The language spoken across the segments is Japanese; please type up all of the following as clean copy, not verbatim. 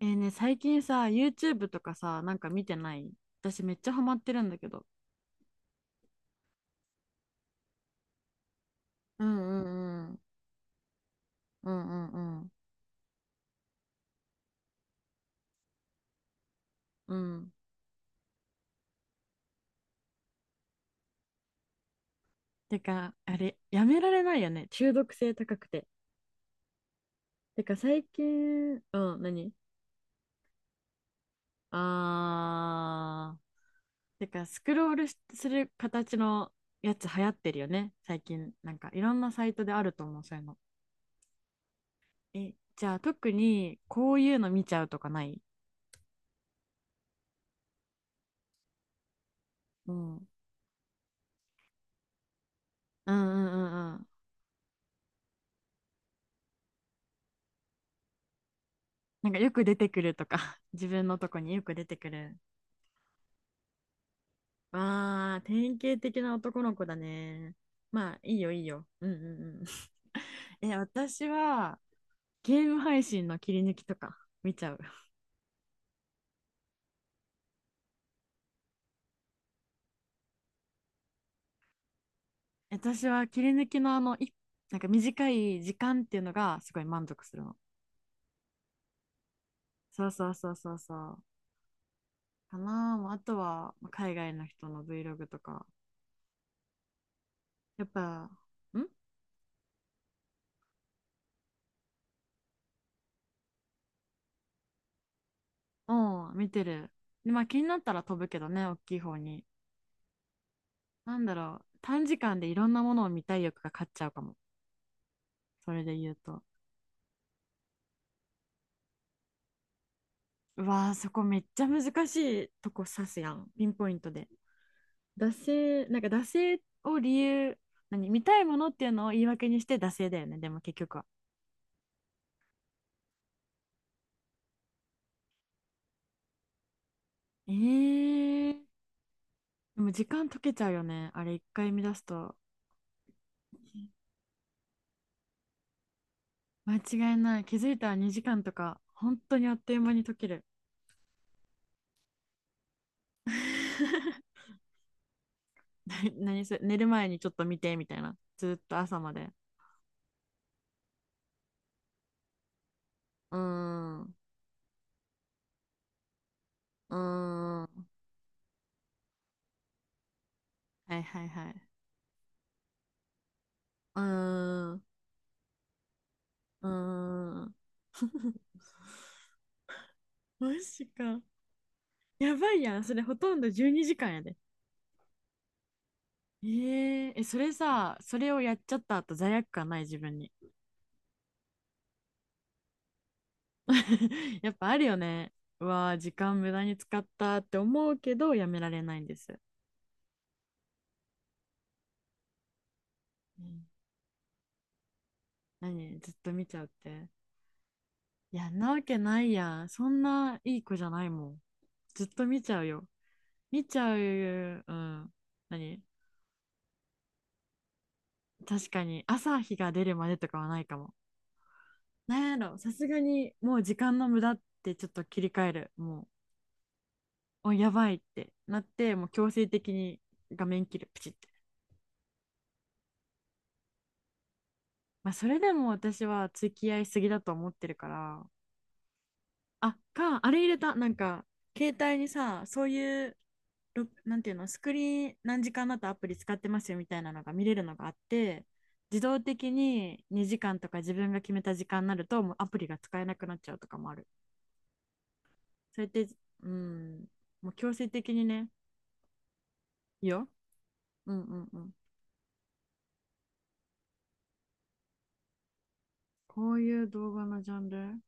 最近さ、YouTube とかさ、なんか見てない？私めっちゃハマってるんだけど。うんうんうんうんうんうんうん。てか、あれ、やめられないよね。中毒性高くて。てか、最近、うん、何？あー。てか、スクロールする形のやつ流行ってるよね。最近、なんかいろんなサイトであると思う、そういうの。え、じゃあ特にこういうの見ちゃうとかない？うんうんうんうん。なんかよく出てくるとか、自分のとこによく出てくる。わあ、典型的な男の子だね。まあ、いいよ、いいよ。うんうんうん。え、私は、ゲーム配信の切り抜きとか見ちゃう。私は切り抜きのあの、い、なんか短い時間っていうのがすごい満足するの。そうそうそうそうそう。かなあ、もうあとは、まあ海外の人の Vlog とか。やっぱ、んうん、見てる。で、まあ気になったら飛ぶけどね、大きい方に。なんだろう、短時間でいろんなものを見たい欲が勝っちゃうかも。それで言うと。うわー、そこめっちゃ難しいとこ指すやん、ピンポイントで。惰性、なんか惰性を理由、何、見たいものっていうのを言い訳にして惰性だよね、でも結局は。えー、でも時間解けちゃうよね、あれ一回見出すと。間違いない、気づいたら2時間とか、本当にあっという間に解ける。何それ、寝る前にちょっと見てみたいな。ずっと朝まで。うーん、うーん。はいはいはい。うーん、うーん。マジか。やばいやん。それほとんど12時間やで。えー、え、それさ、それをやっちゃった後罪悪感ない？自分に。やっぱあるよね。うわー、時間無駄に使ったって思うけど、やめられないんです。うん？何ずっと見ちゃうって？いや、んなわけないやん。そんないい子じゃないもん。ずっと見ちゃうよ。見ちゃう、うん。何？確かに、朝日が出るまでとかはないかも。なんやろ、さすがにもう時間の無駄ってちょっと切り替えるも、うおやばいってなってもう強制的に画面切るプチって、まあ、それでも私は付き合いすぎだと思ってるから、あかあれ入れたなんか携帯にさ、そういう、ろ、なんていうの、スクリーン何時間だとアプリ使ってますよみたいなのが見れるのがあって、自動的に2時間とか自分が決めた時間になるともうアプリが使えなくなっちゃうとかもある。そうやって、うん、もう強制的にね。いいよ？うんうんうん。こういう動画のジャンル？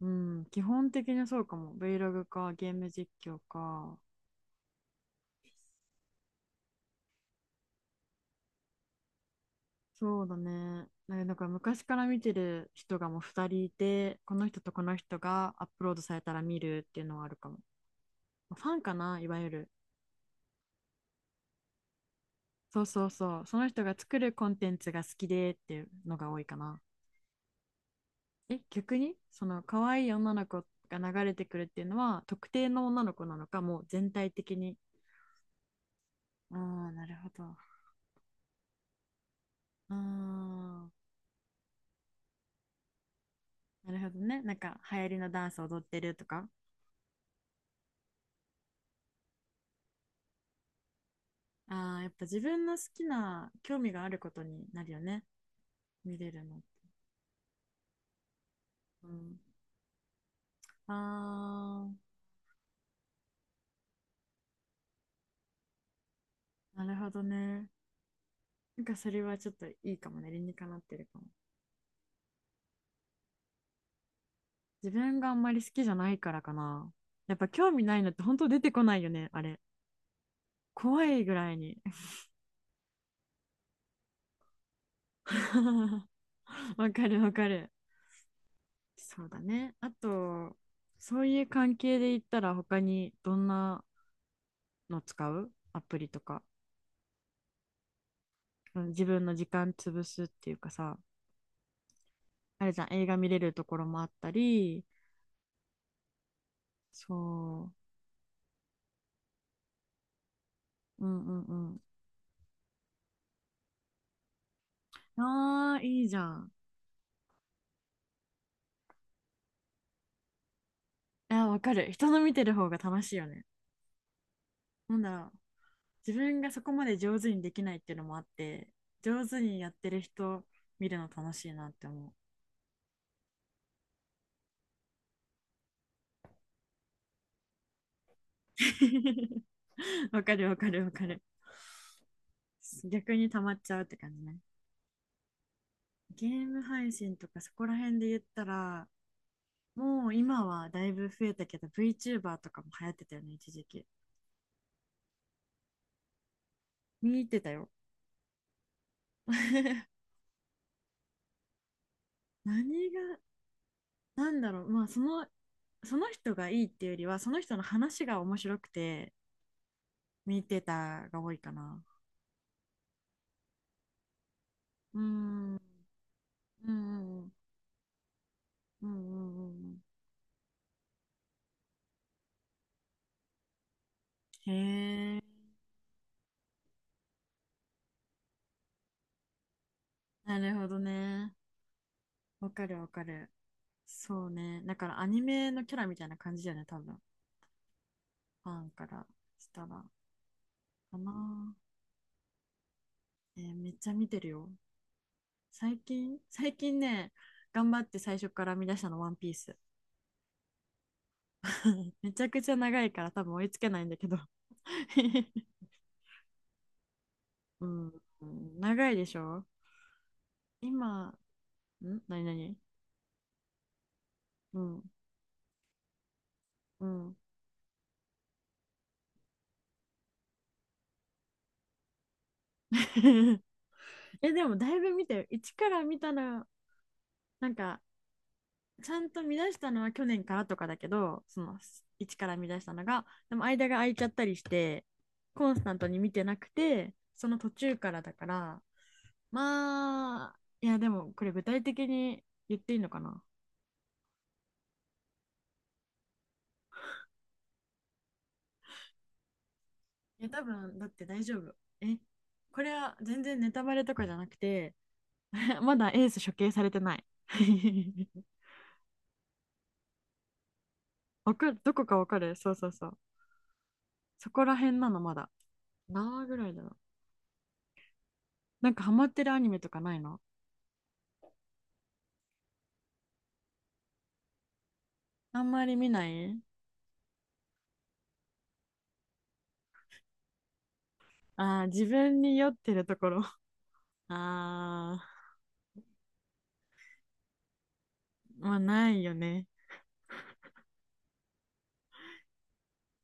うん、基本的にそうかも。 Vlog かゲーム実況か。そうだね、なんかなんか昔から見てる人がもう2人いて、この人とこの人がアップロードされたら見るっていうのはあるかも。ファンかな、いわゆる。そうそうそう、その人が作るコンテンツが好きでっていうのが多いかな。え、逆にその可愛い女の子が流れてくるっていうのは特定の女の子なの？かもう全体的に？ああ、なるほど。ああ、なるほどね。なんか流行りのダンス踊ってるとか。ああ、やっぱ自分の好きな興味があることになるよね。見れるのって。うん、ああ、なるほどね。なんかそれはちょっといいかもね。理にかなってるかも。自分があんまり好きじゃないからかな。やっぱ興味ないのって本当出てこないよね、あれ。怖いぐらいに。わかるわかる。そうだね。あと、そういう関係で言ったら他にどんなの使うアプリとか。自分の時間潰すっていうかさ、あれじゃん、映画見れるところもあったり、そう、うんうんうん。ああ、いいじゃん。いや、わかる。人の見てる方が楽しいよね。なんだろう。自分がそこまで上手にできないっていうのもあって、上手にやってる人見るの楽しいなって思う。わかるわかるわかる。逆に溜まっちゃうって感じね。ゲーム配信とかそこら辺で言ったら、もう今はだいぶ増えたけど、VTuber とかも流行ってたよね、一時期。見に行ってたよ。何が、なんだろう、まあその、その人がいいっていうよりは、その人の話が面白くて、見てたが多いかな。うーん、うんうんうん、うんうんうんうん。へえ、なるほどね。わかるわかる。そうね。だからアニメのキャラみたいな感じだよね、多分。ファンからしたら。かな。えーめっちゃ見てるよ。最近、最近ね、頑張って最初から編み出したの、ワンピース。めちゃくちゃ長いから多分追いつけないんだけど うん、長いでしょ。今、ん何何、うん、うん え、でもだいぶ見てよ、一から見たら、なんか、ちゃんと見出したのは去年からとかだけど、その、一から見出したのが、でも間が空いちゃったりして、コンスタントに見てなくて、その途中からだから、まあ、いや、でも、これ具体的に言っていいのかな？いや、多分、だって大丈夫。え、これは全然ネタバレとかじゃなくて、まだエース処刑されてない。わかる、どこかわかる、そうそうそう。そこら辺なの、まだ。何話ぐらいだろう。なんかハマってるアニメとかないの？あんまり見ない。ああー、自分に酔ってるところ。ああ、まあないよね。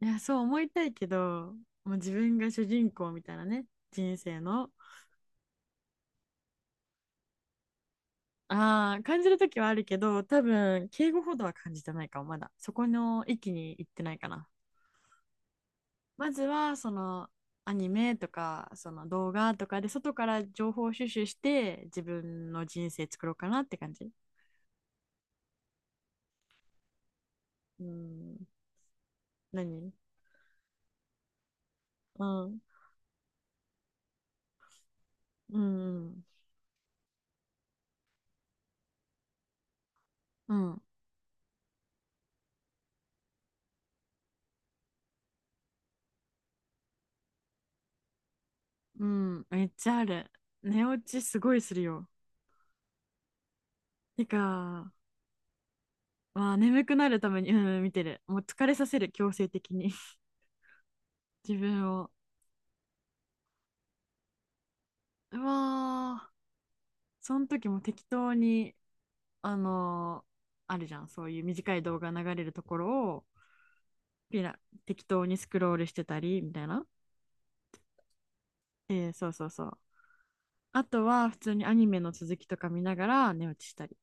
いや、そう思いたいけど、もう自分が主人公みたいなね、人生の。ああ、感じるときはあるけど、多分、敬語ほどは感じてないかも、まだ。そこの域に行ってないかな。まずは、その、アニメとか、その動画とかで、外から情報収集して、自分の人生作ろうかなって感じ。うん。何？うん。うん。うん。うん。めっちゃある。寝落ちすごいするよ。てか、まあ、眠くなるために、うん、見てる。もう疲れさせる、強制的に。自分を。うわー。その時も適当に、あのーあるじゃん、そういう短い動画流れるところを、ピラ、適当にスクロールしてたり、みたいな。えーそうそうそう。あとは、普通にアニメの続きとか見ながら寝落ちしたり。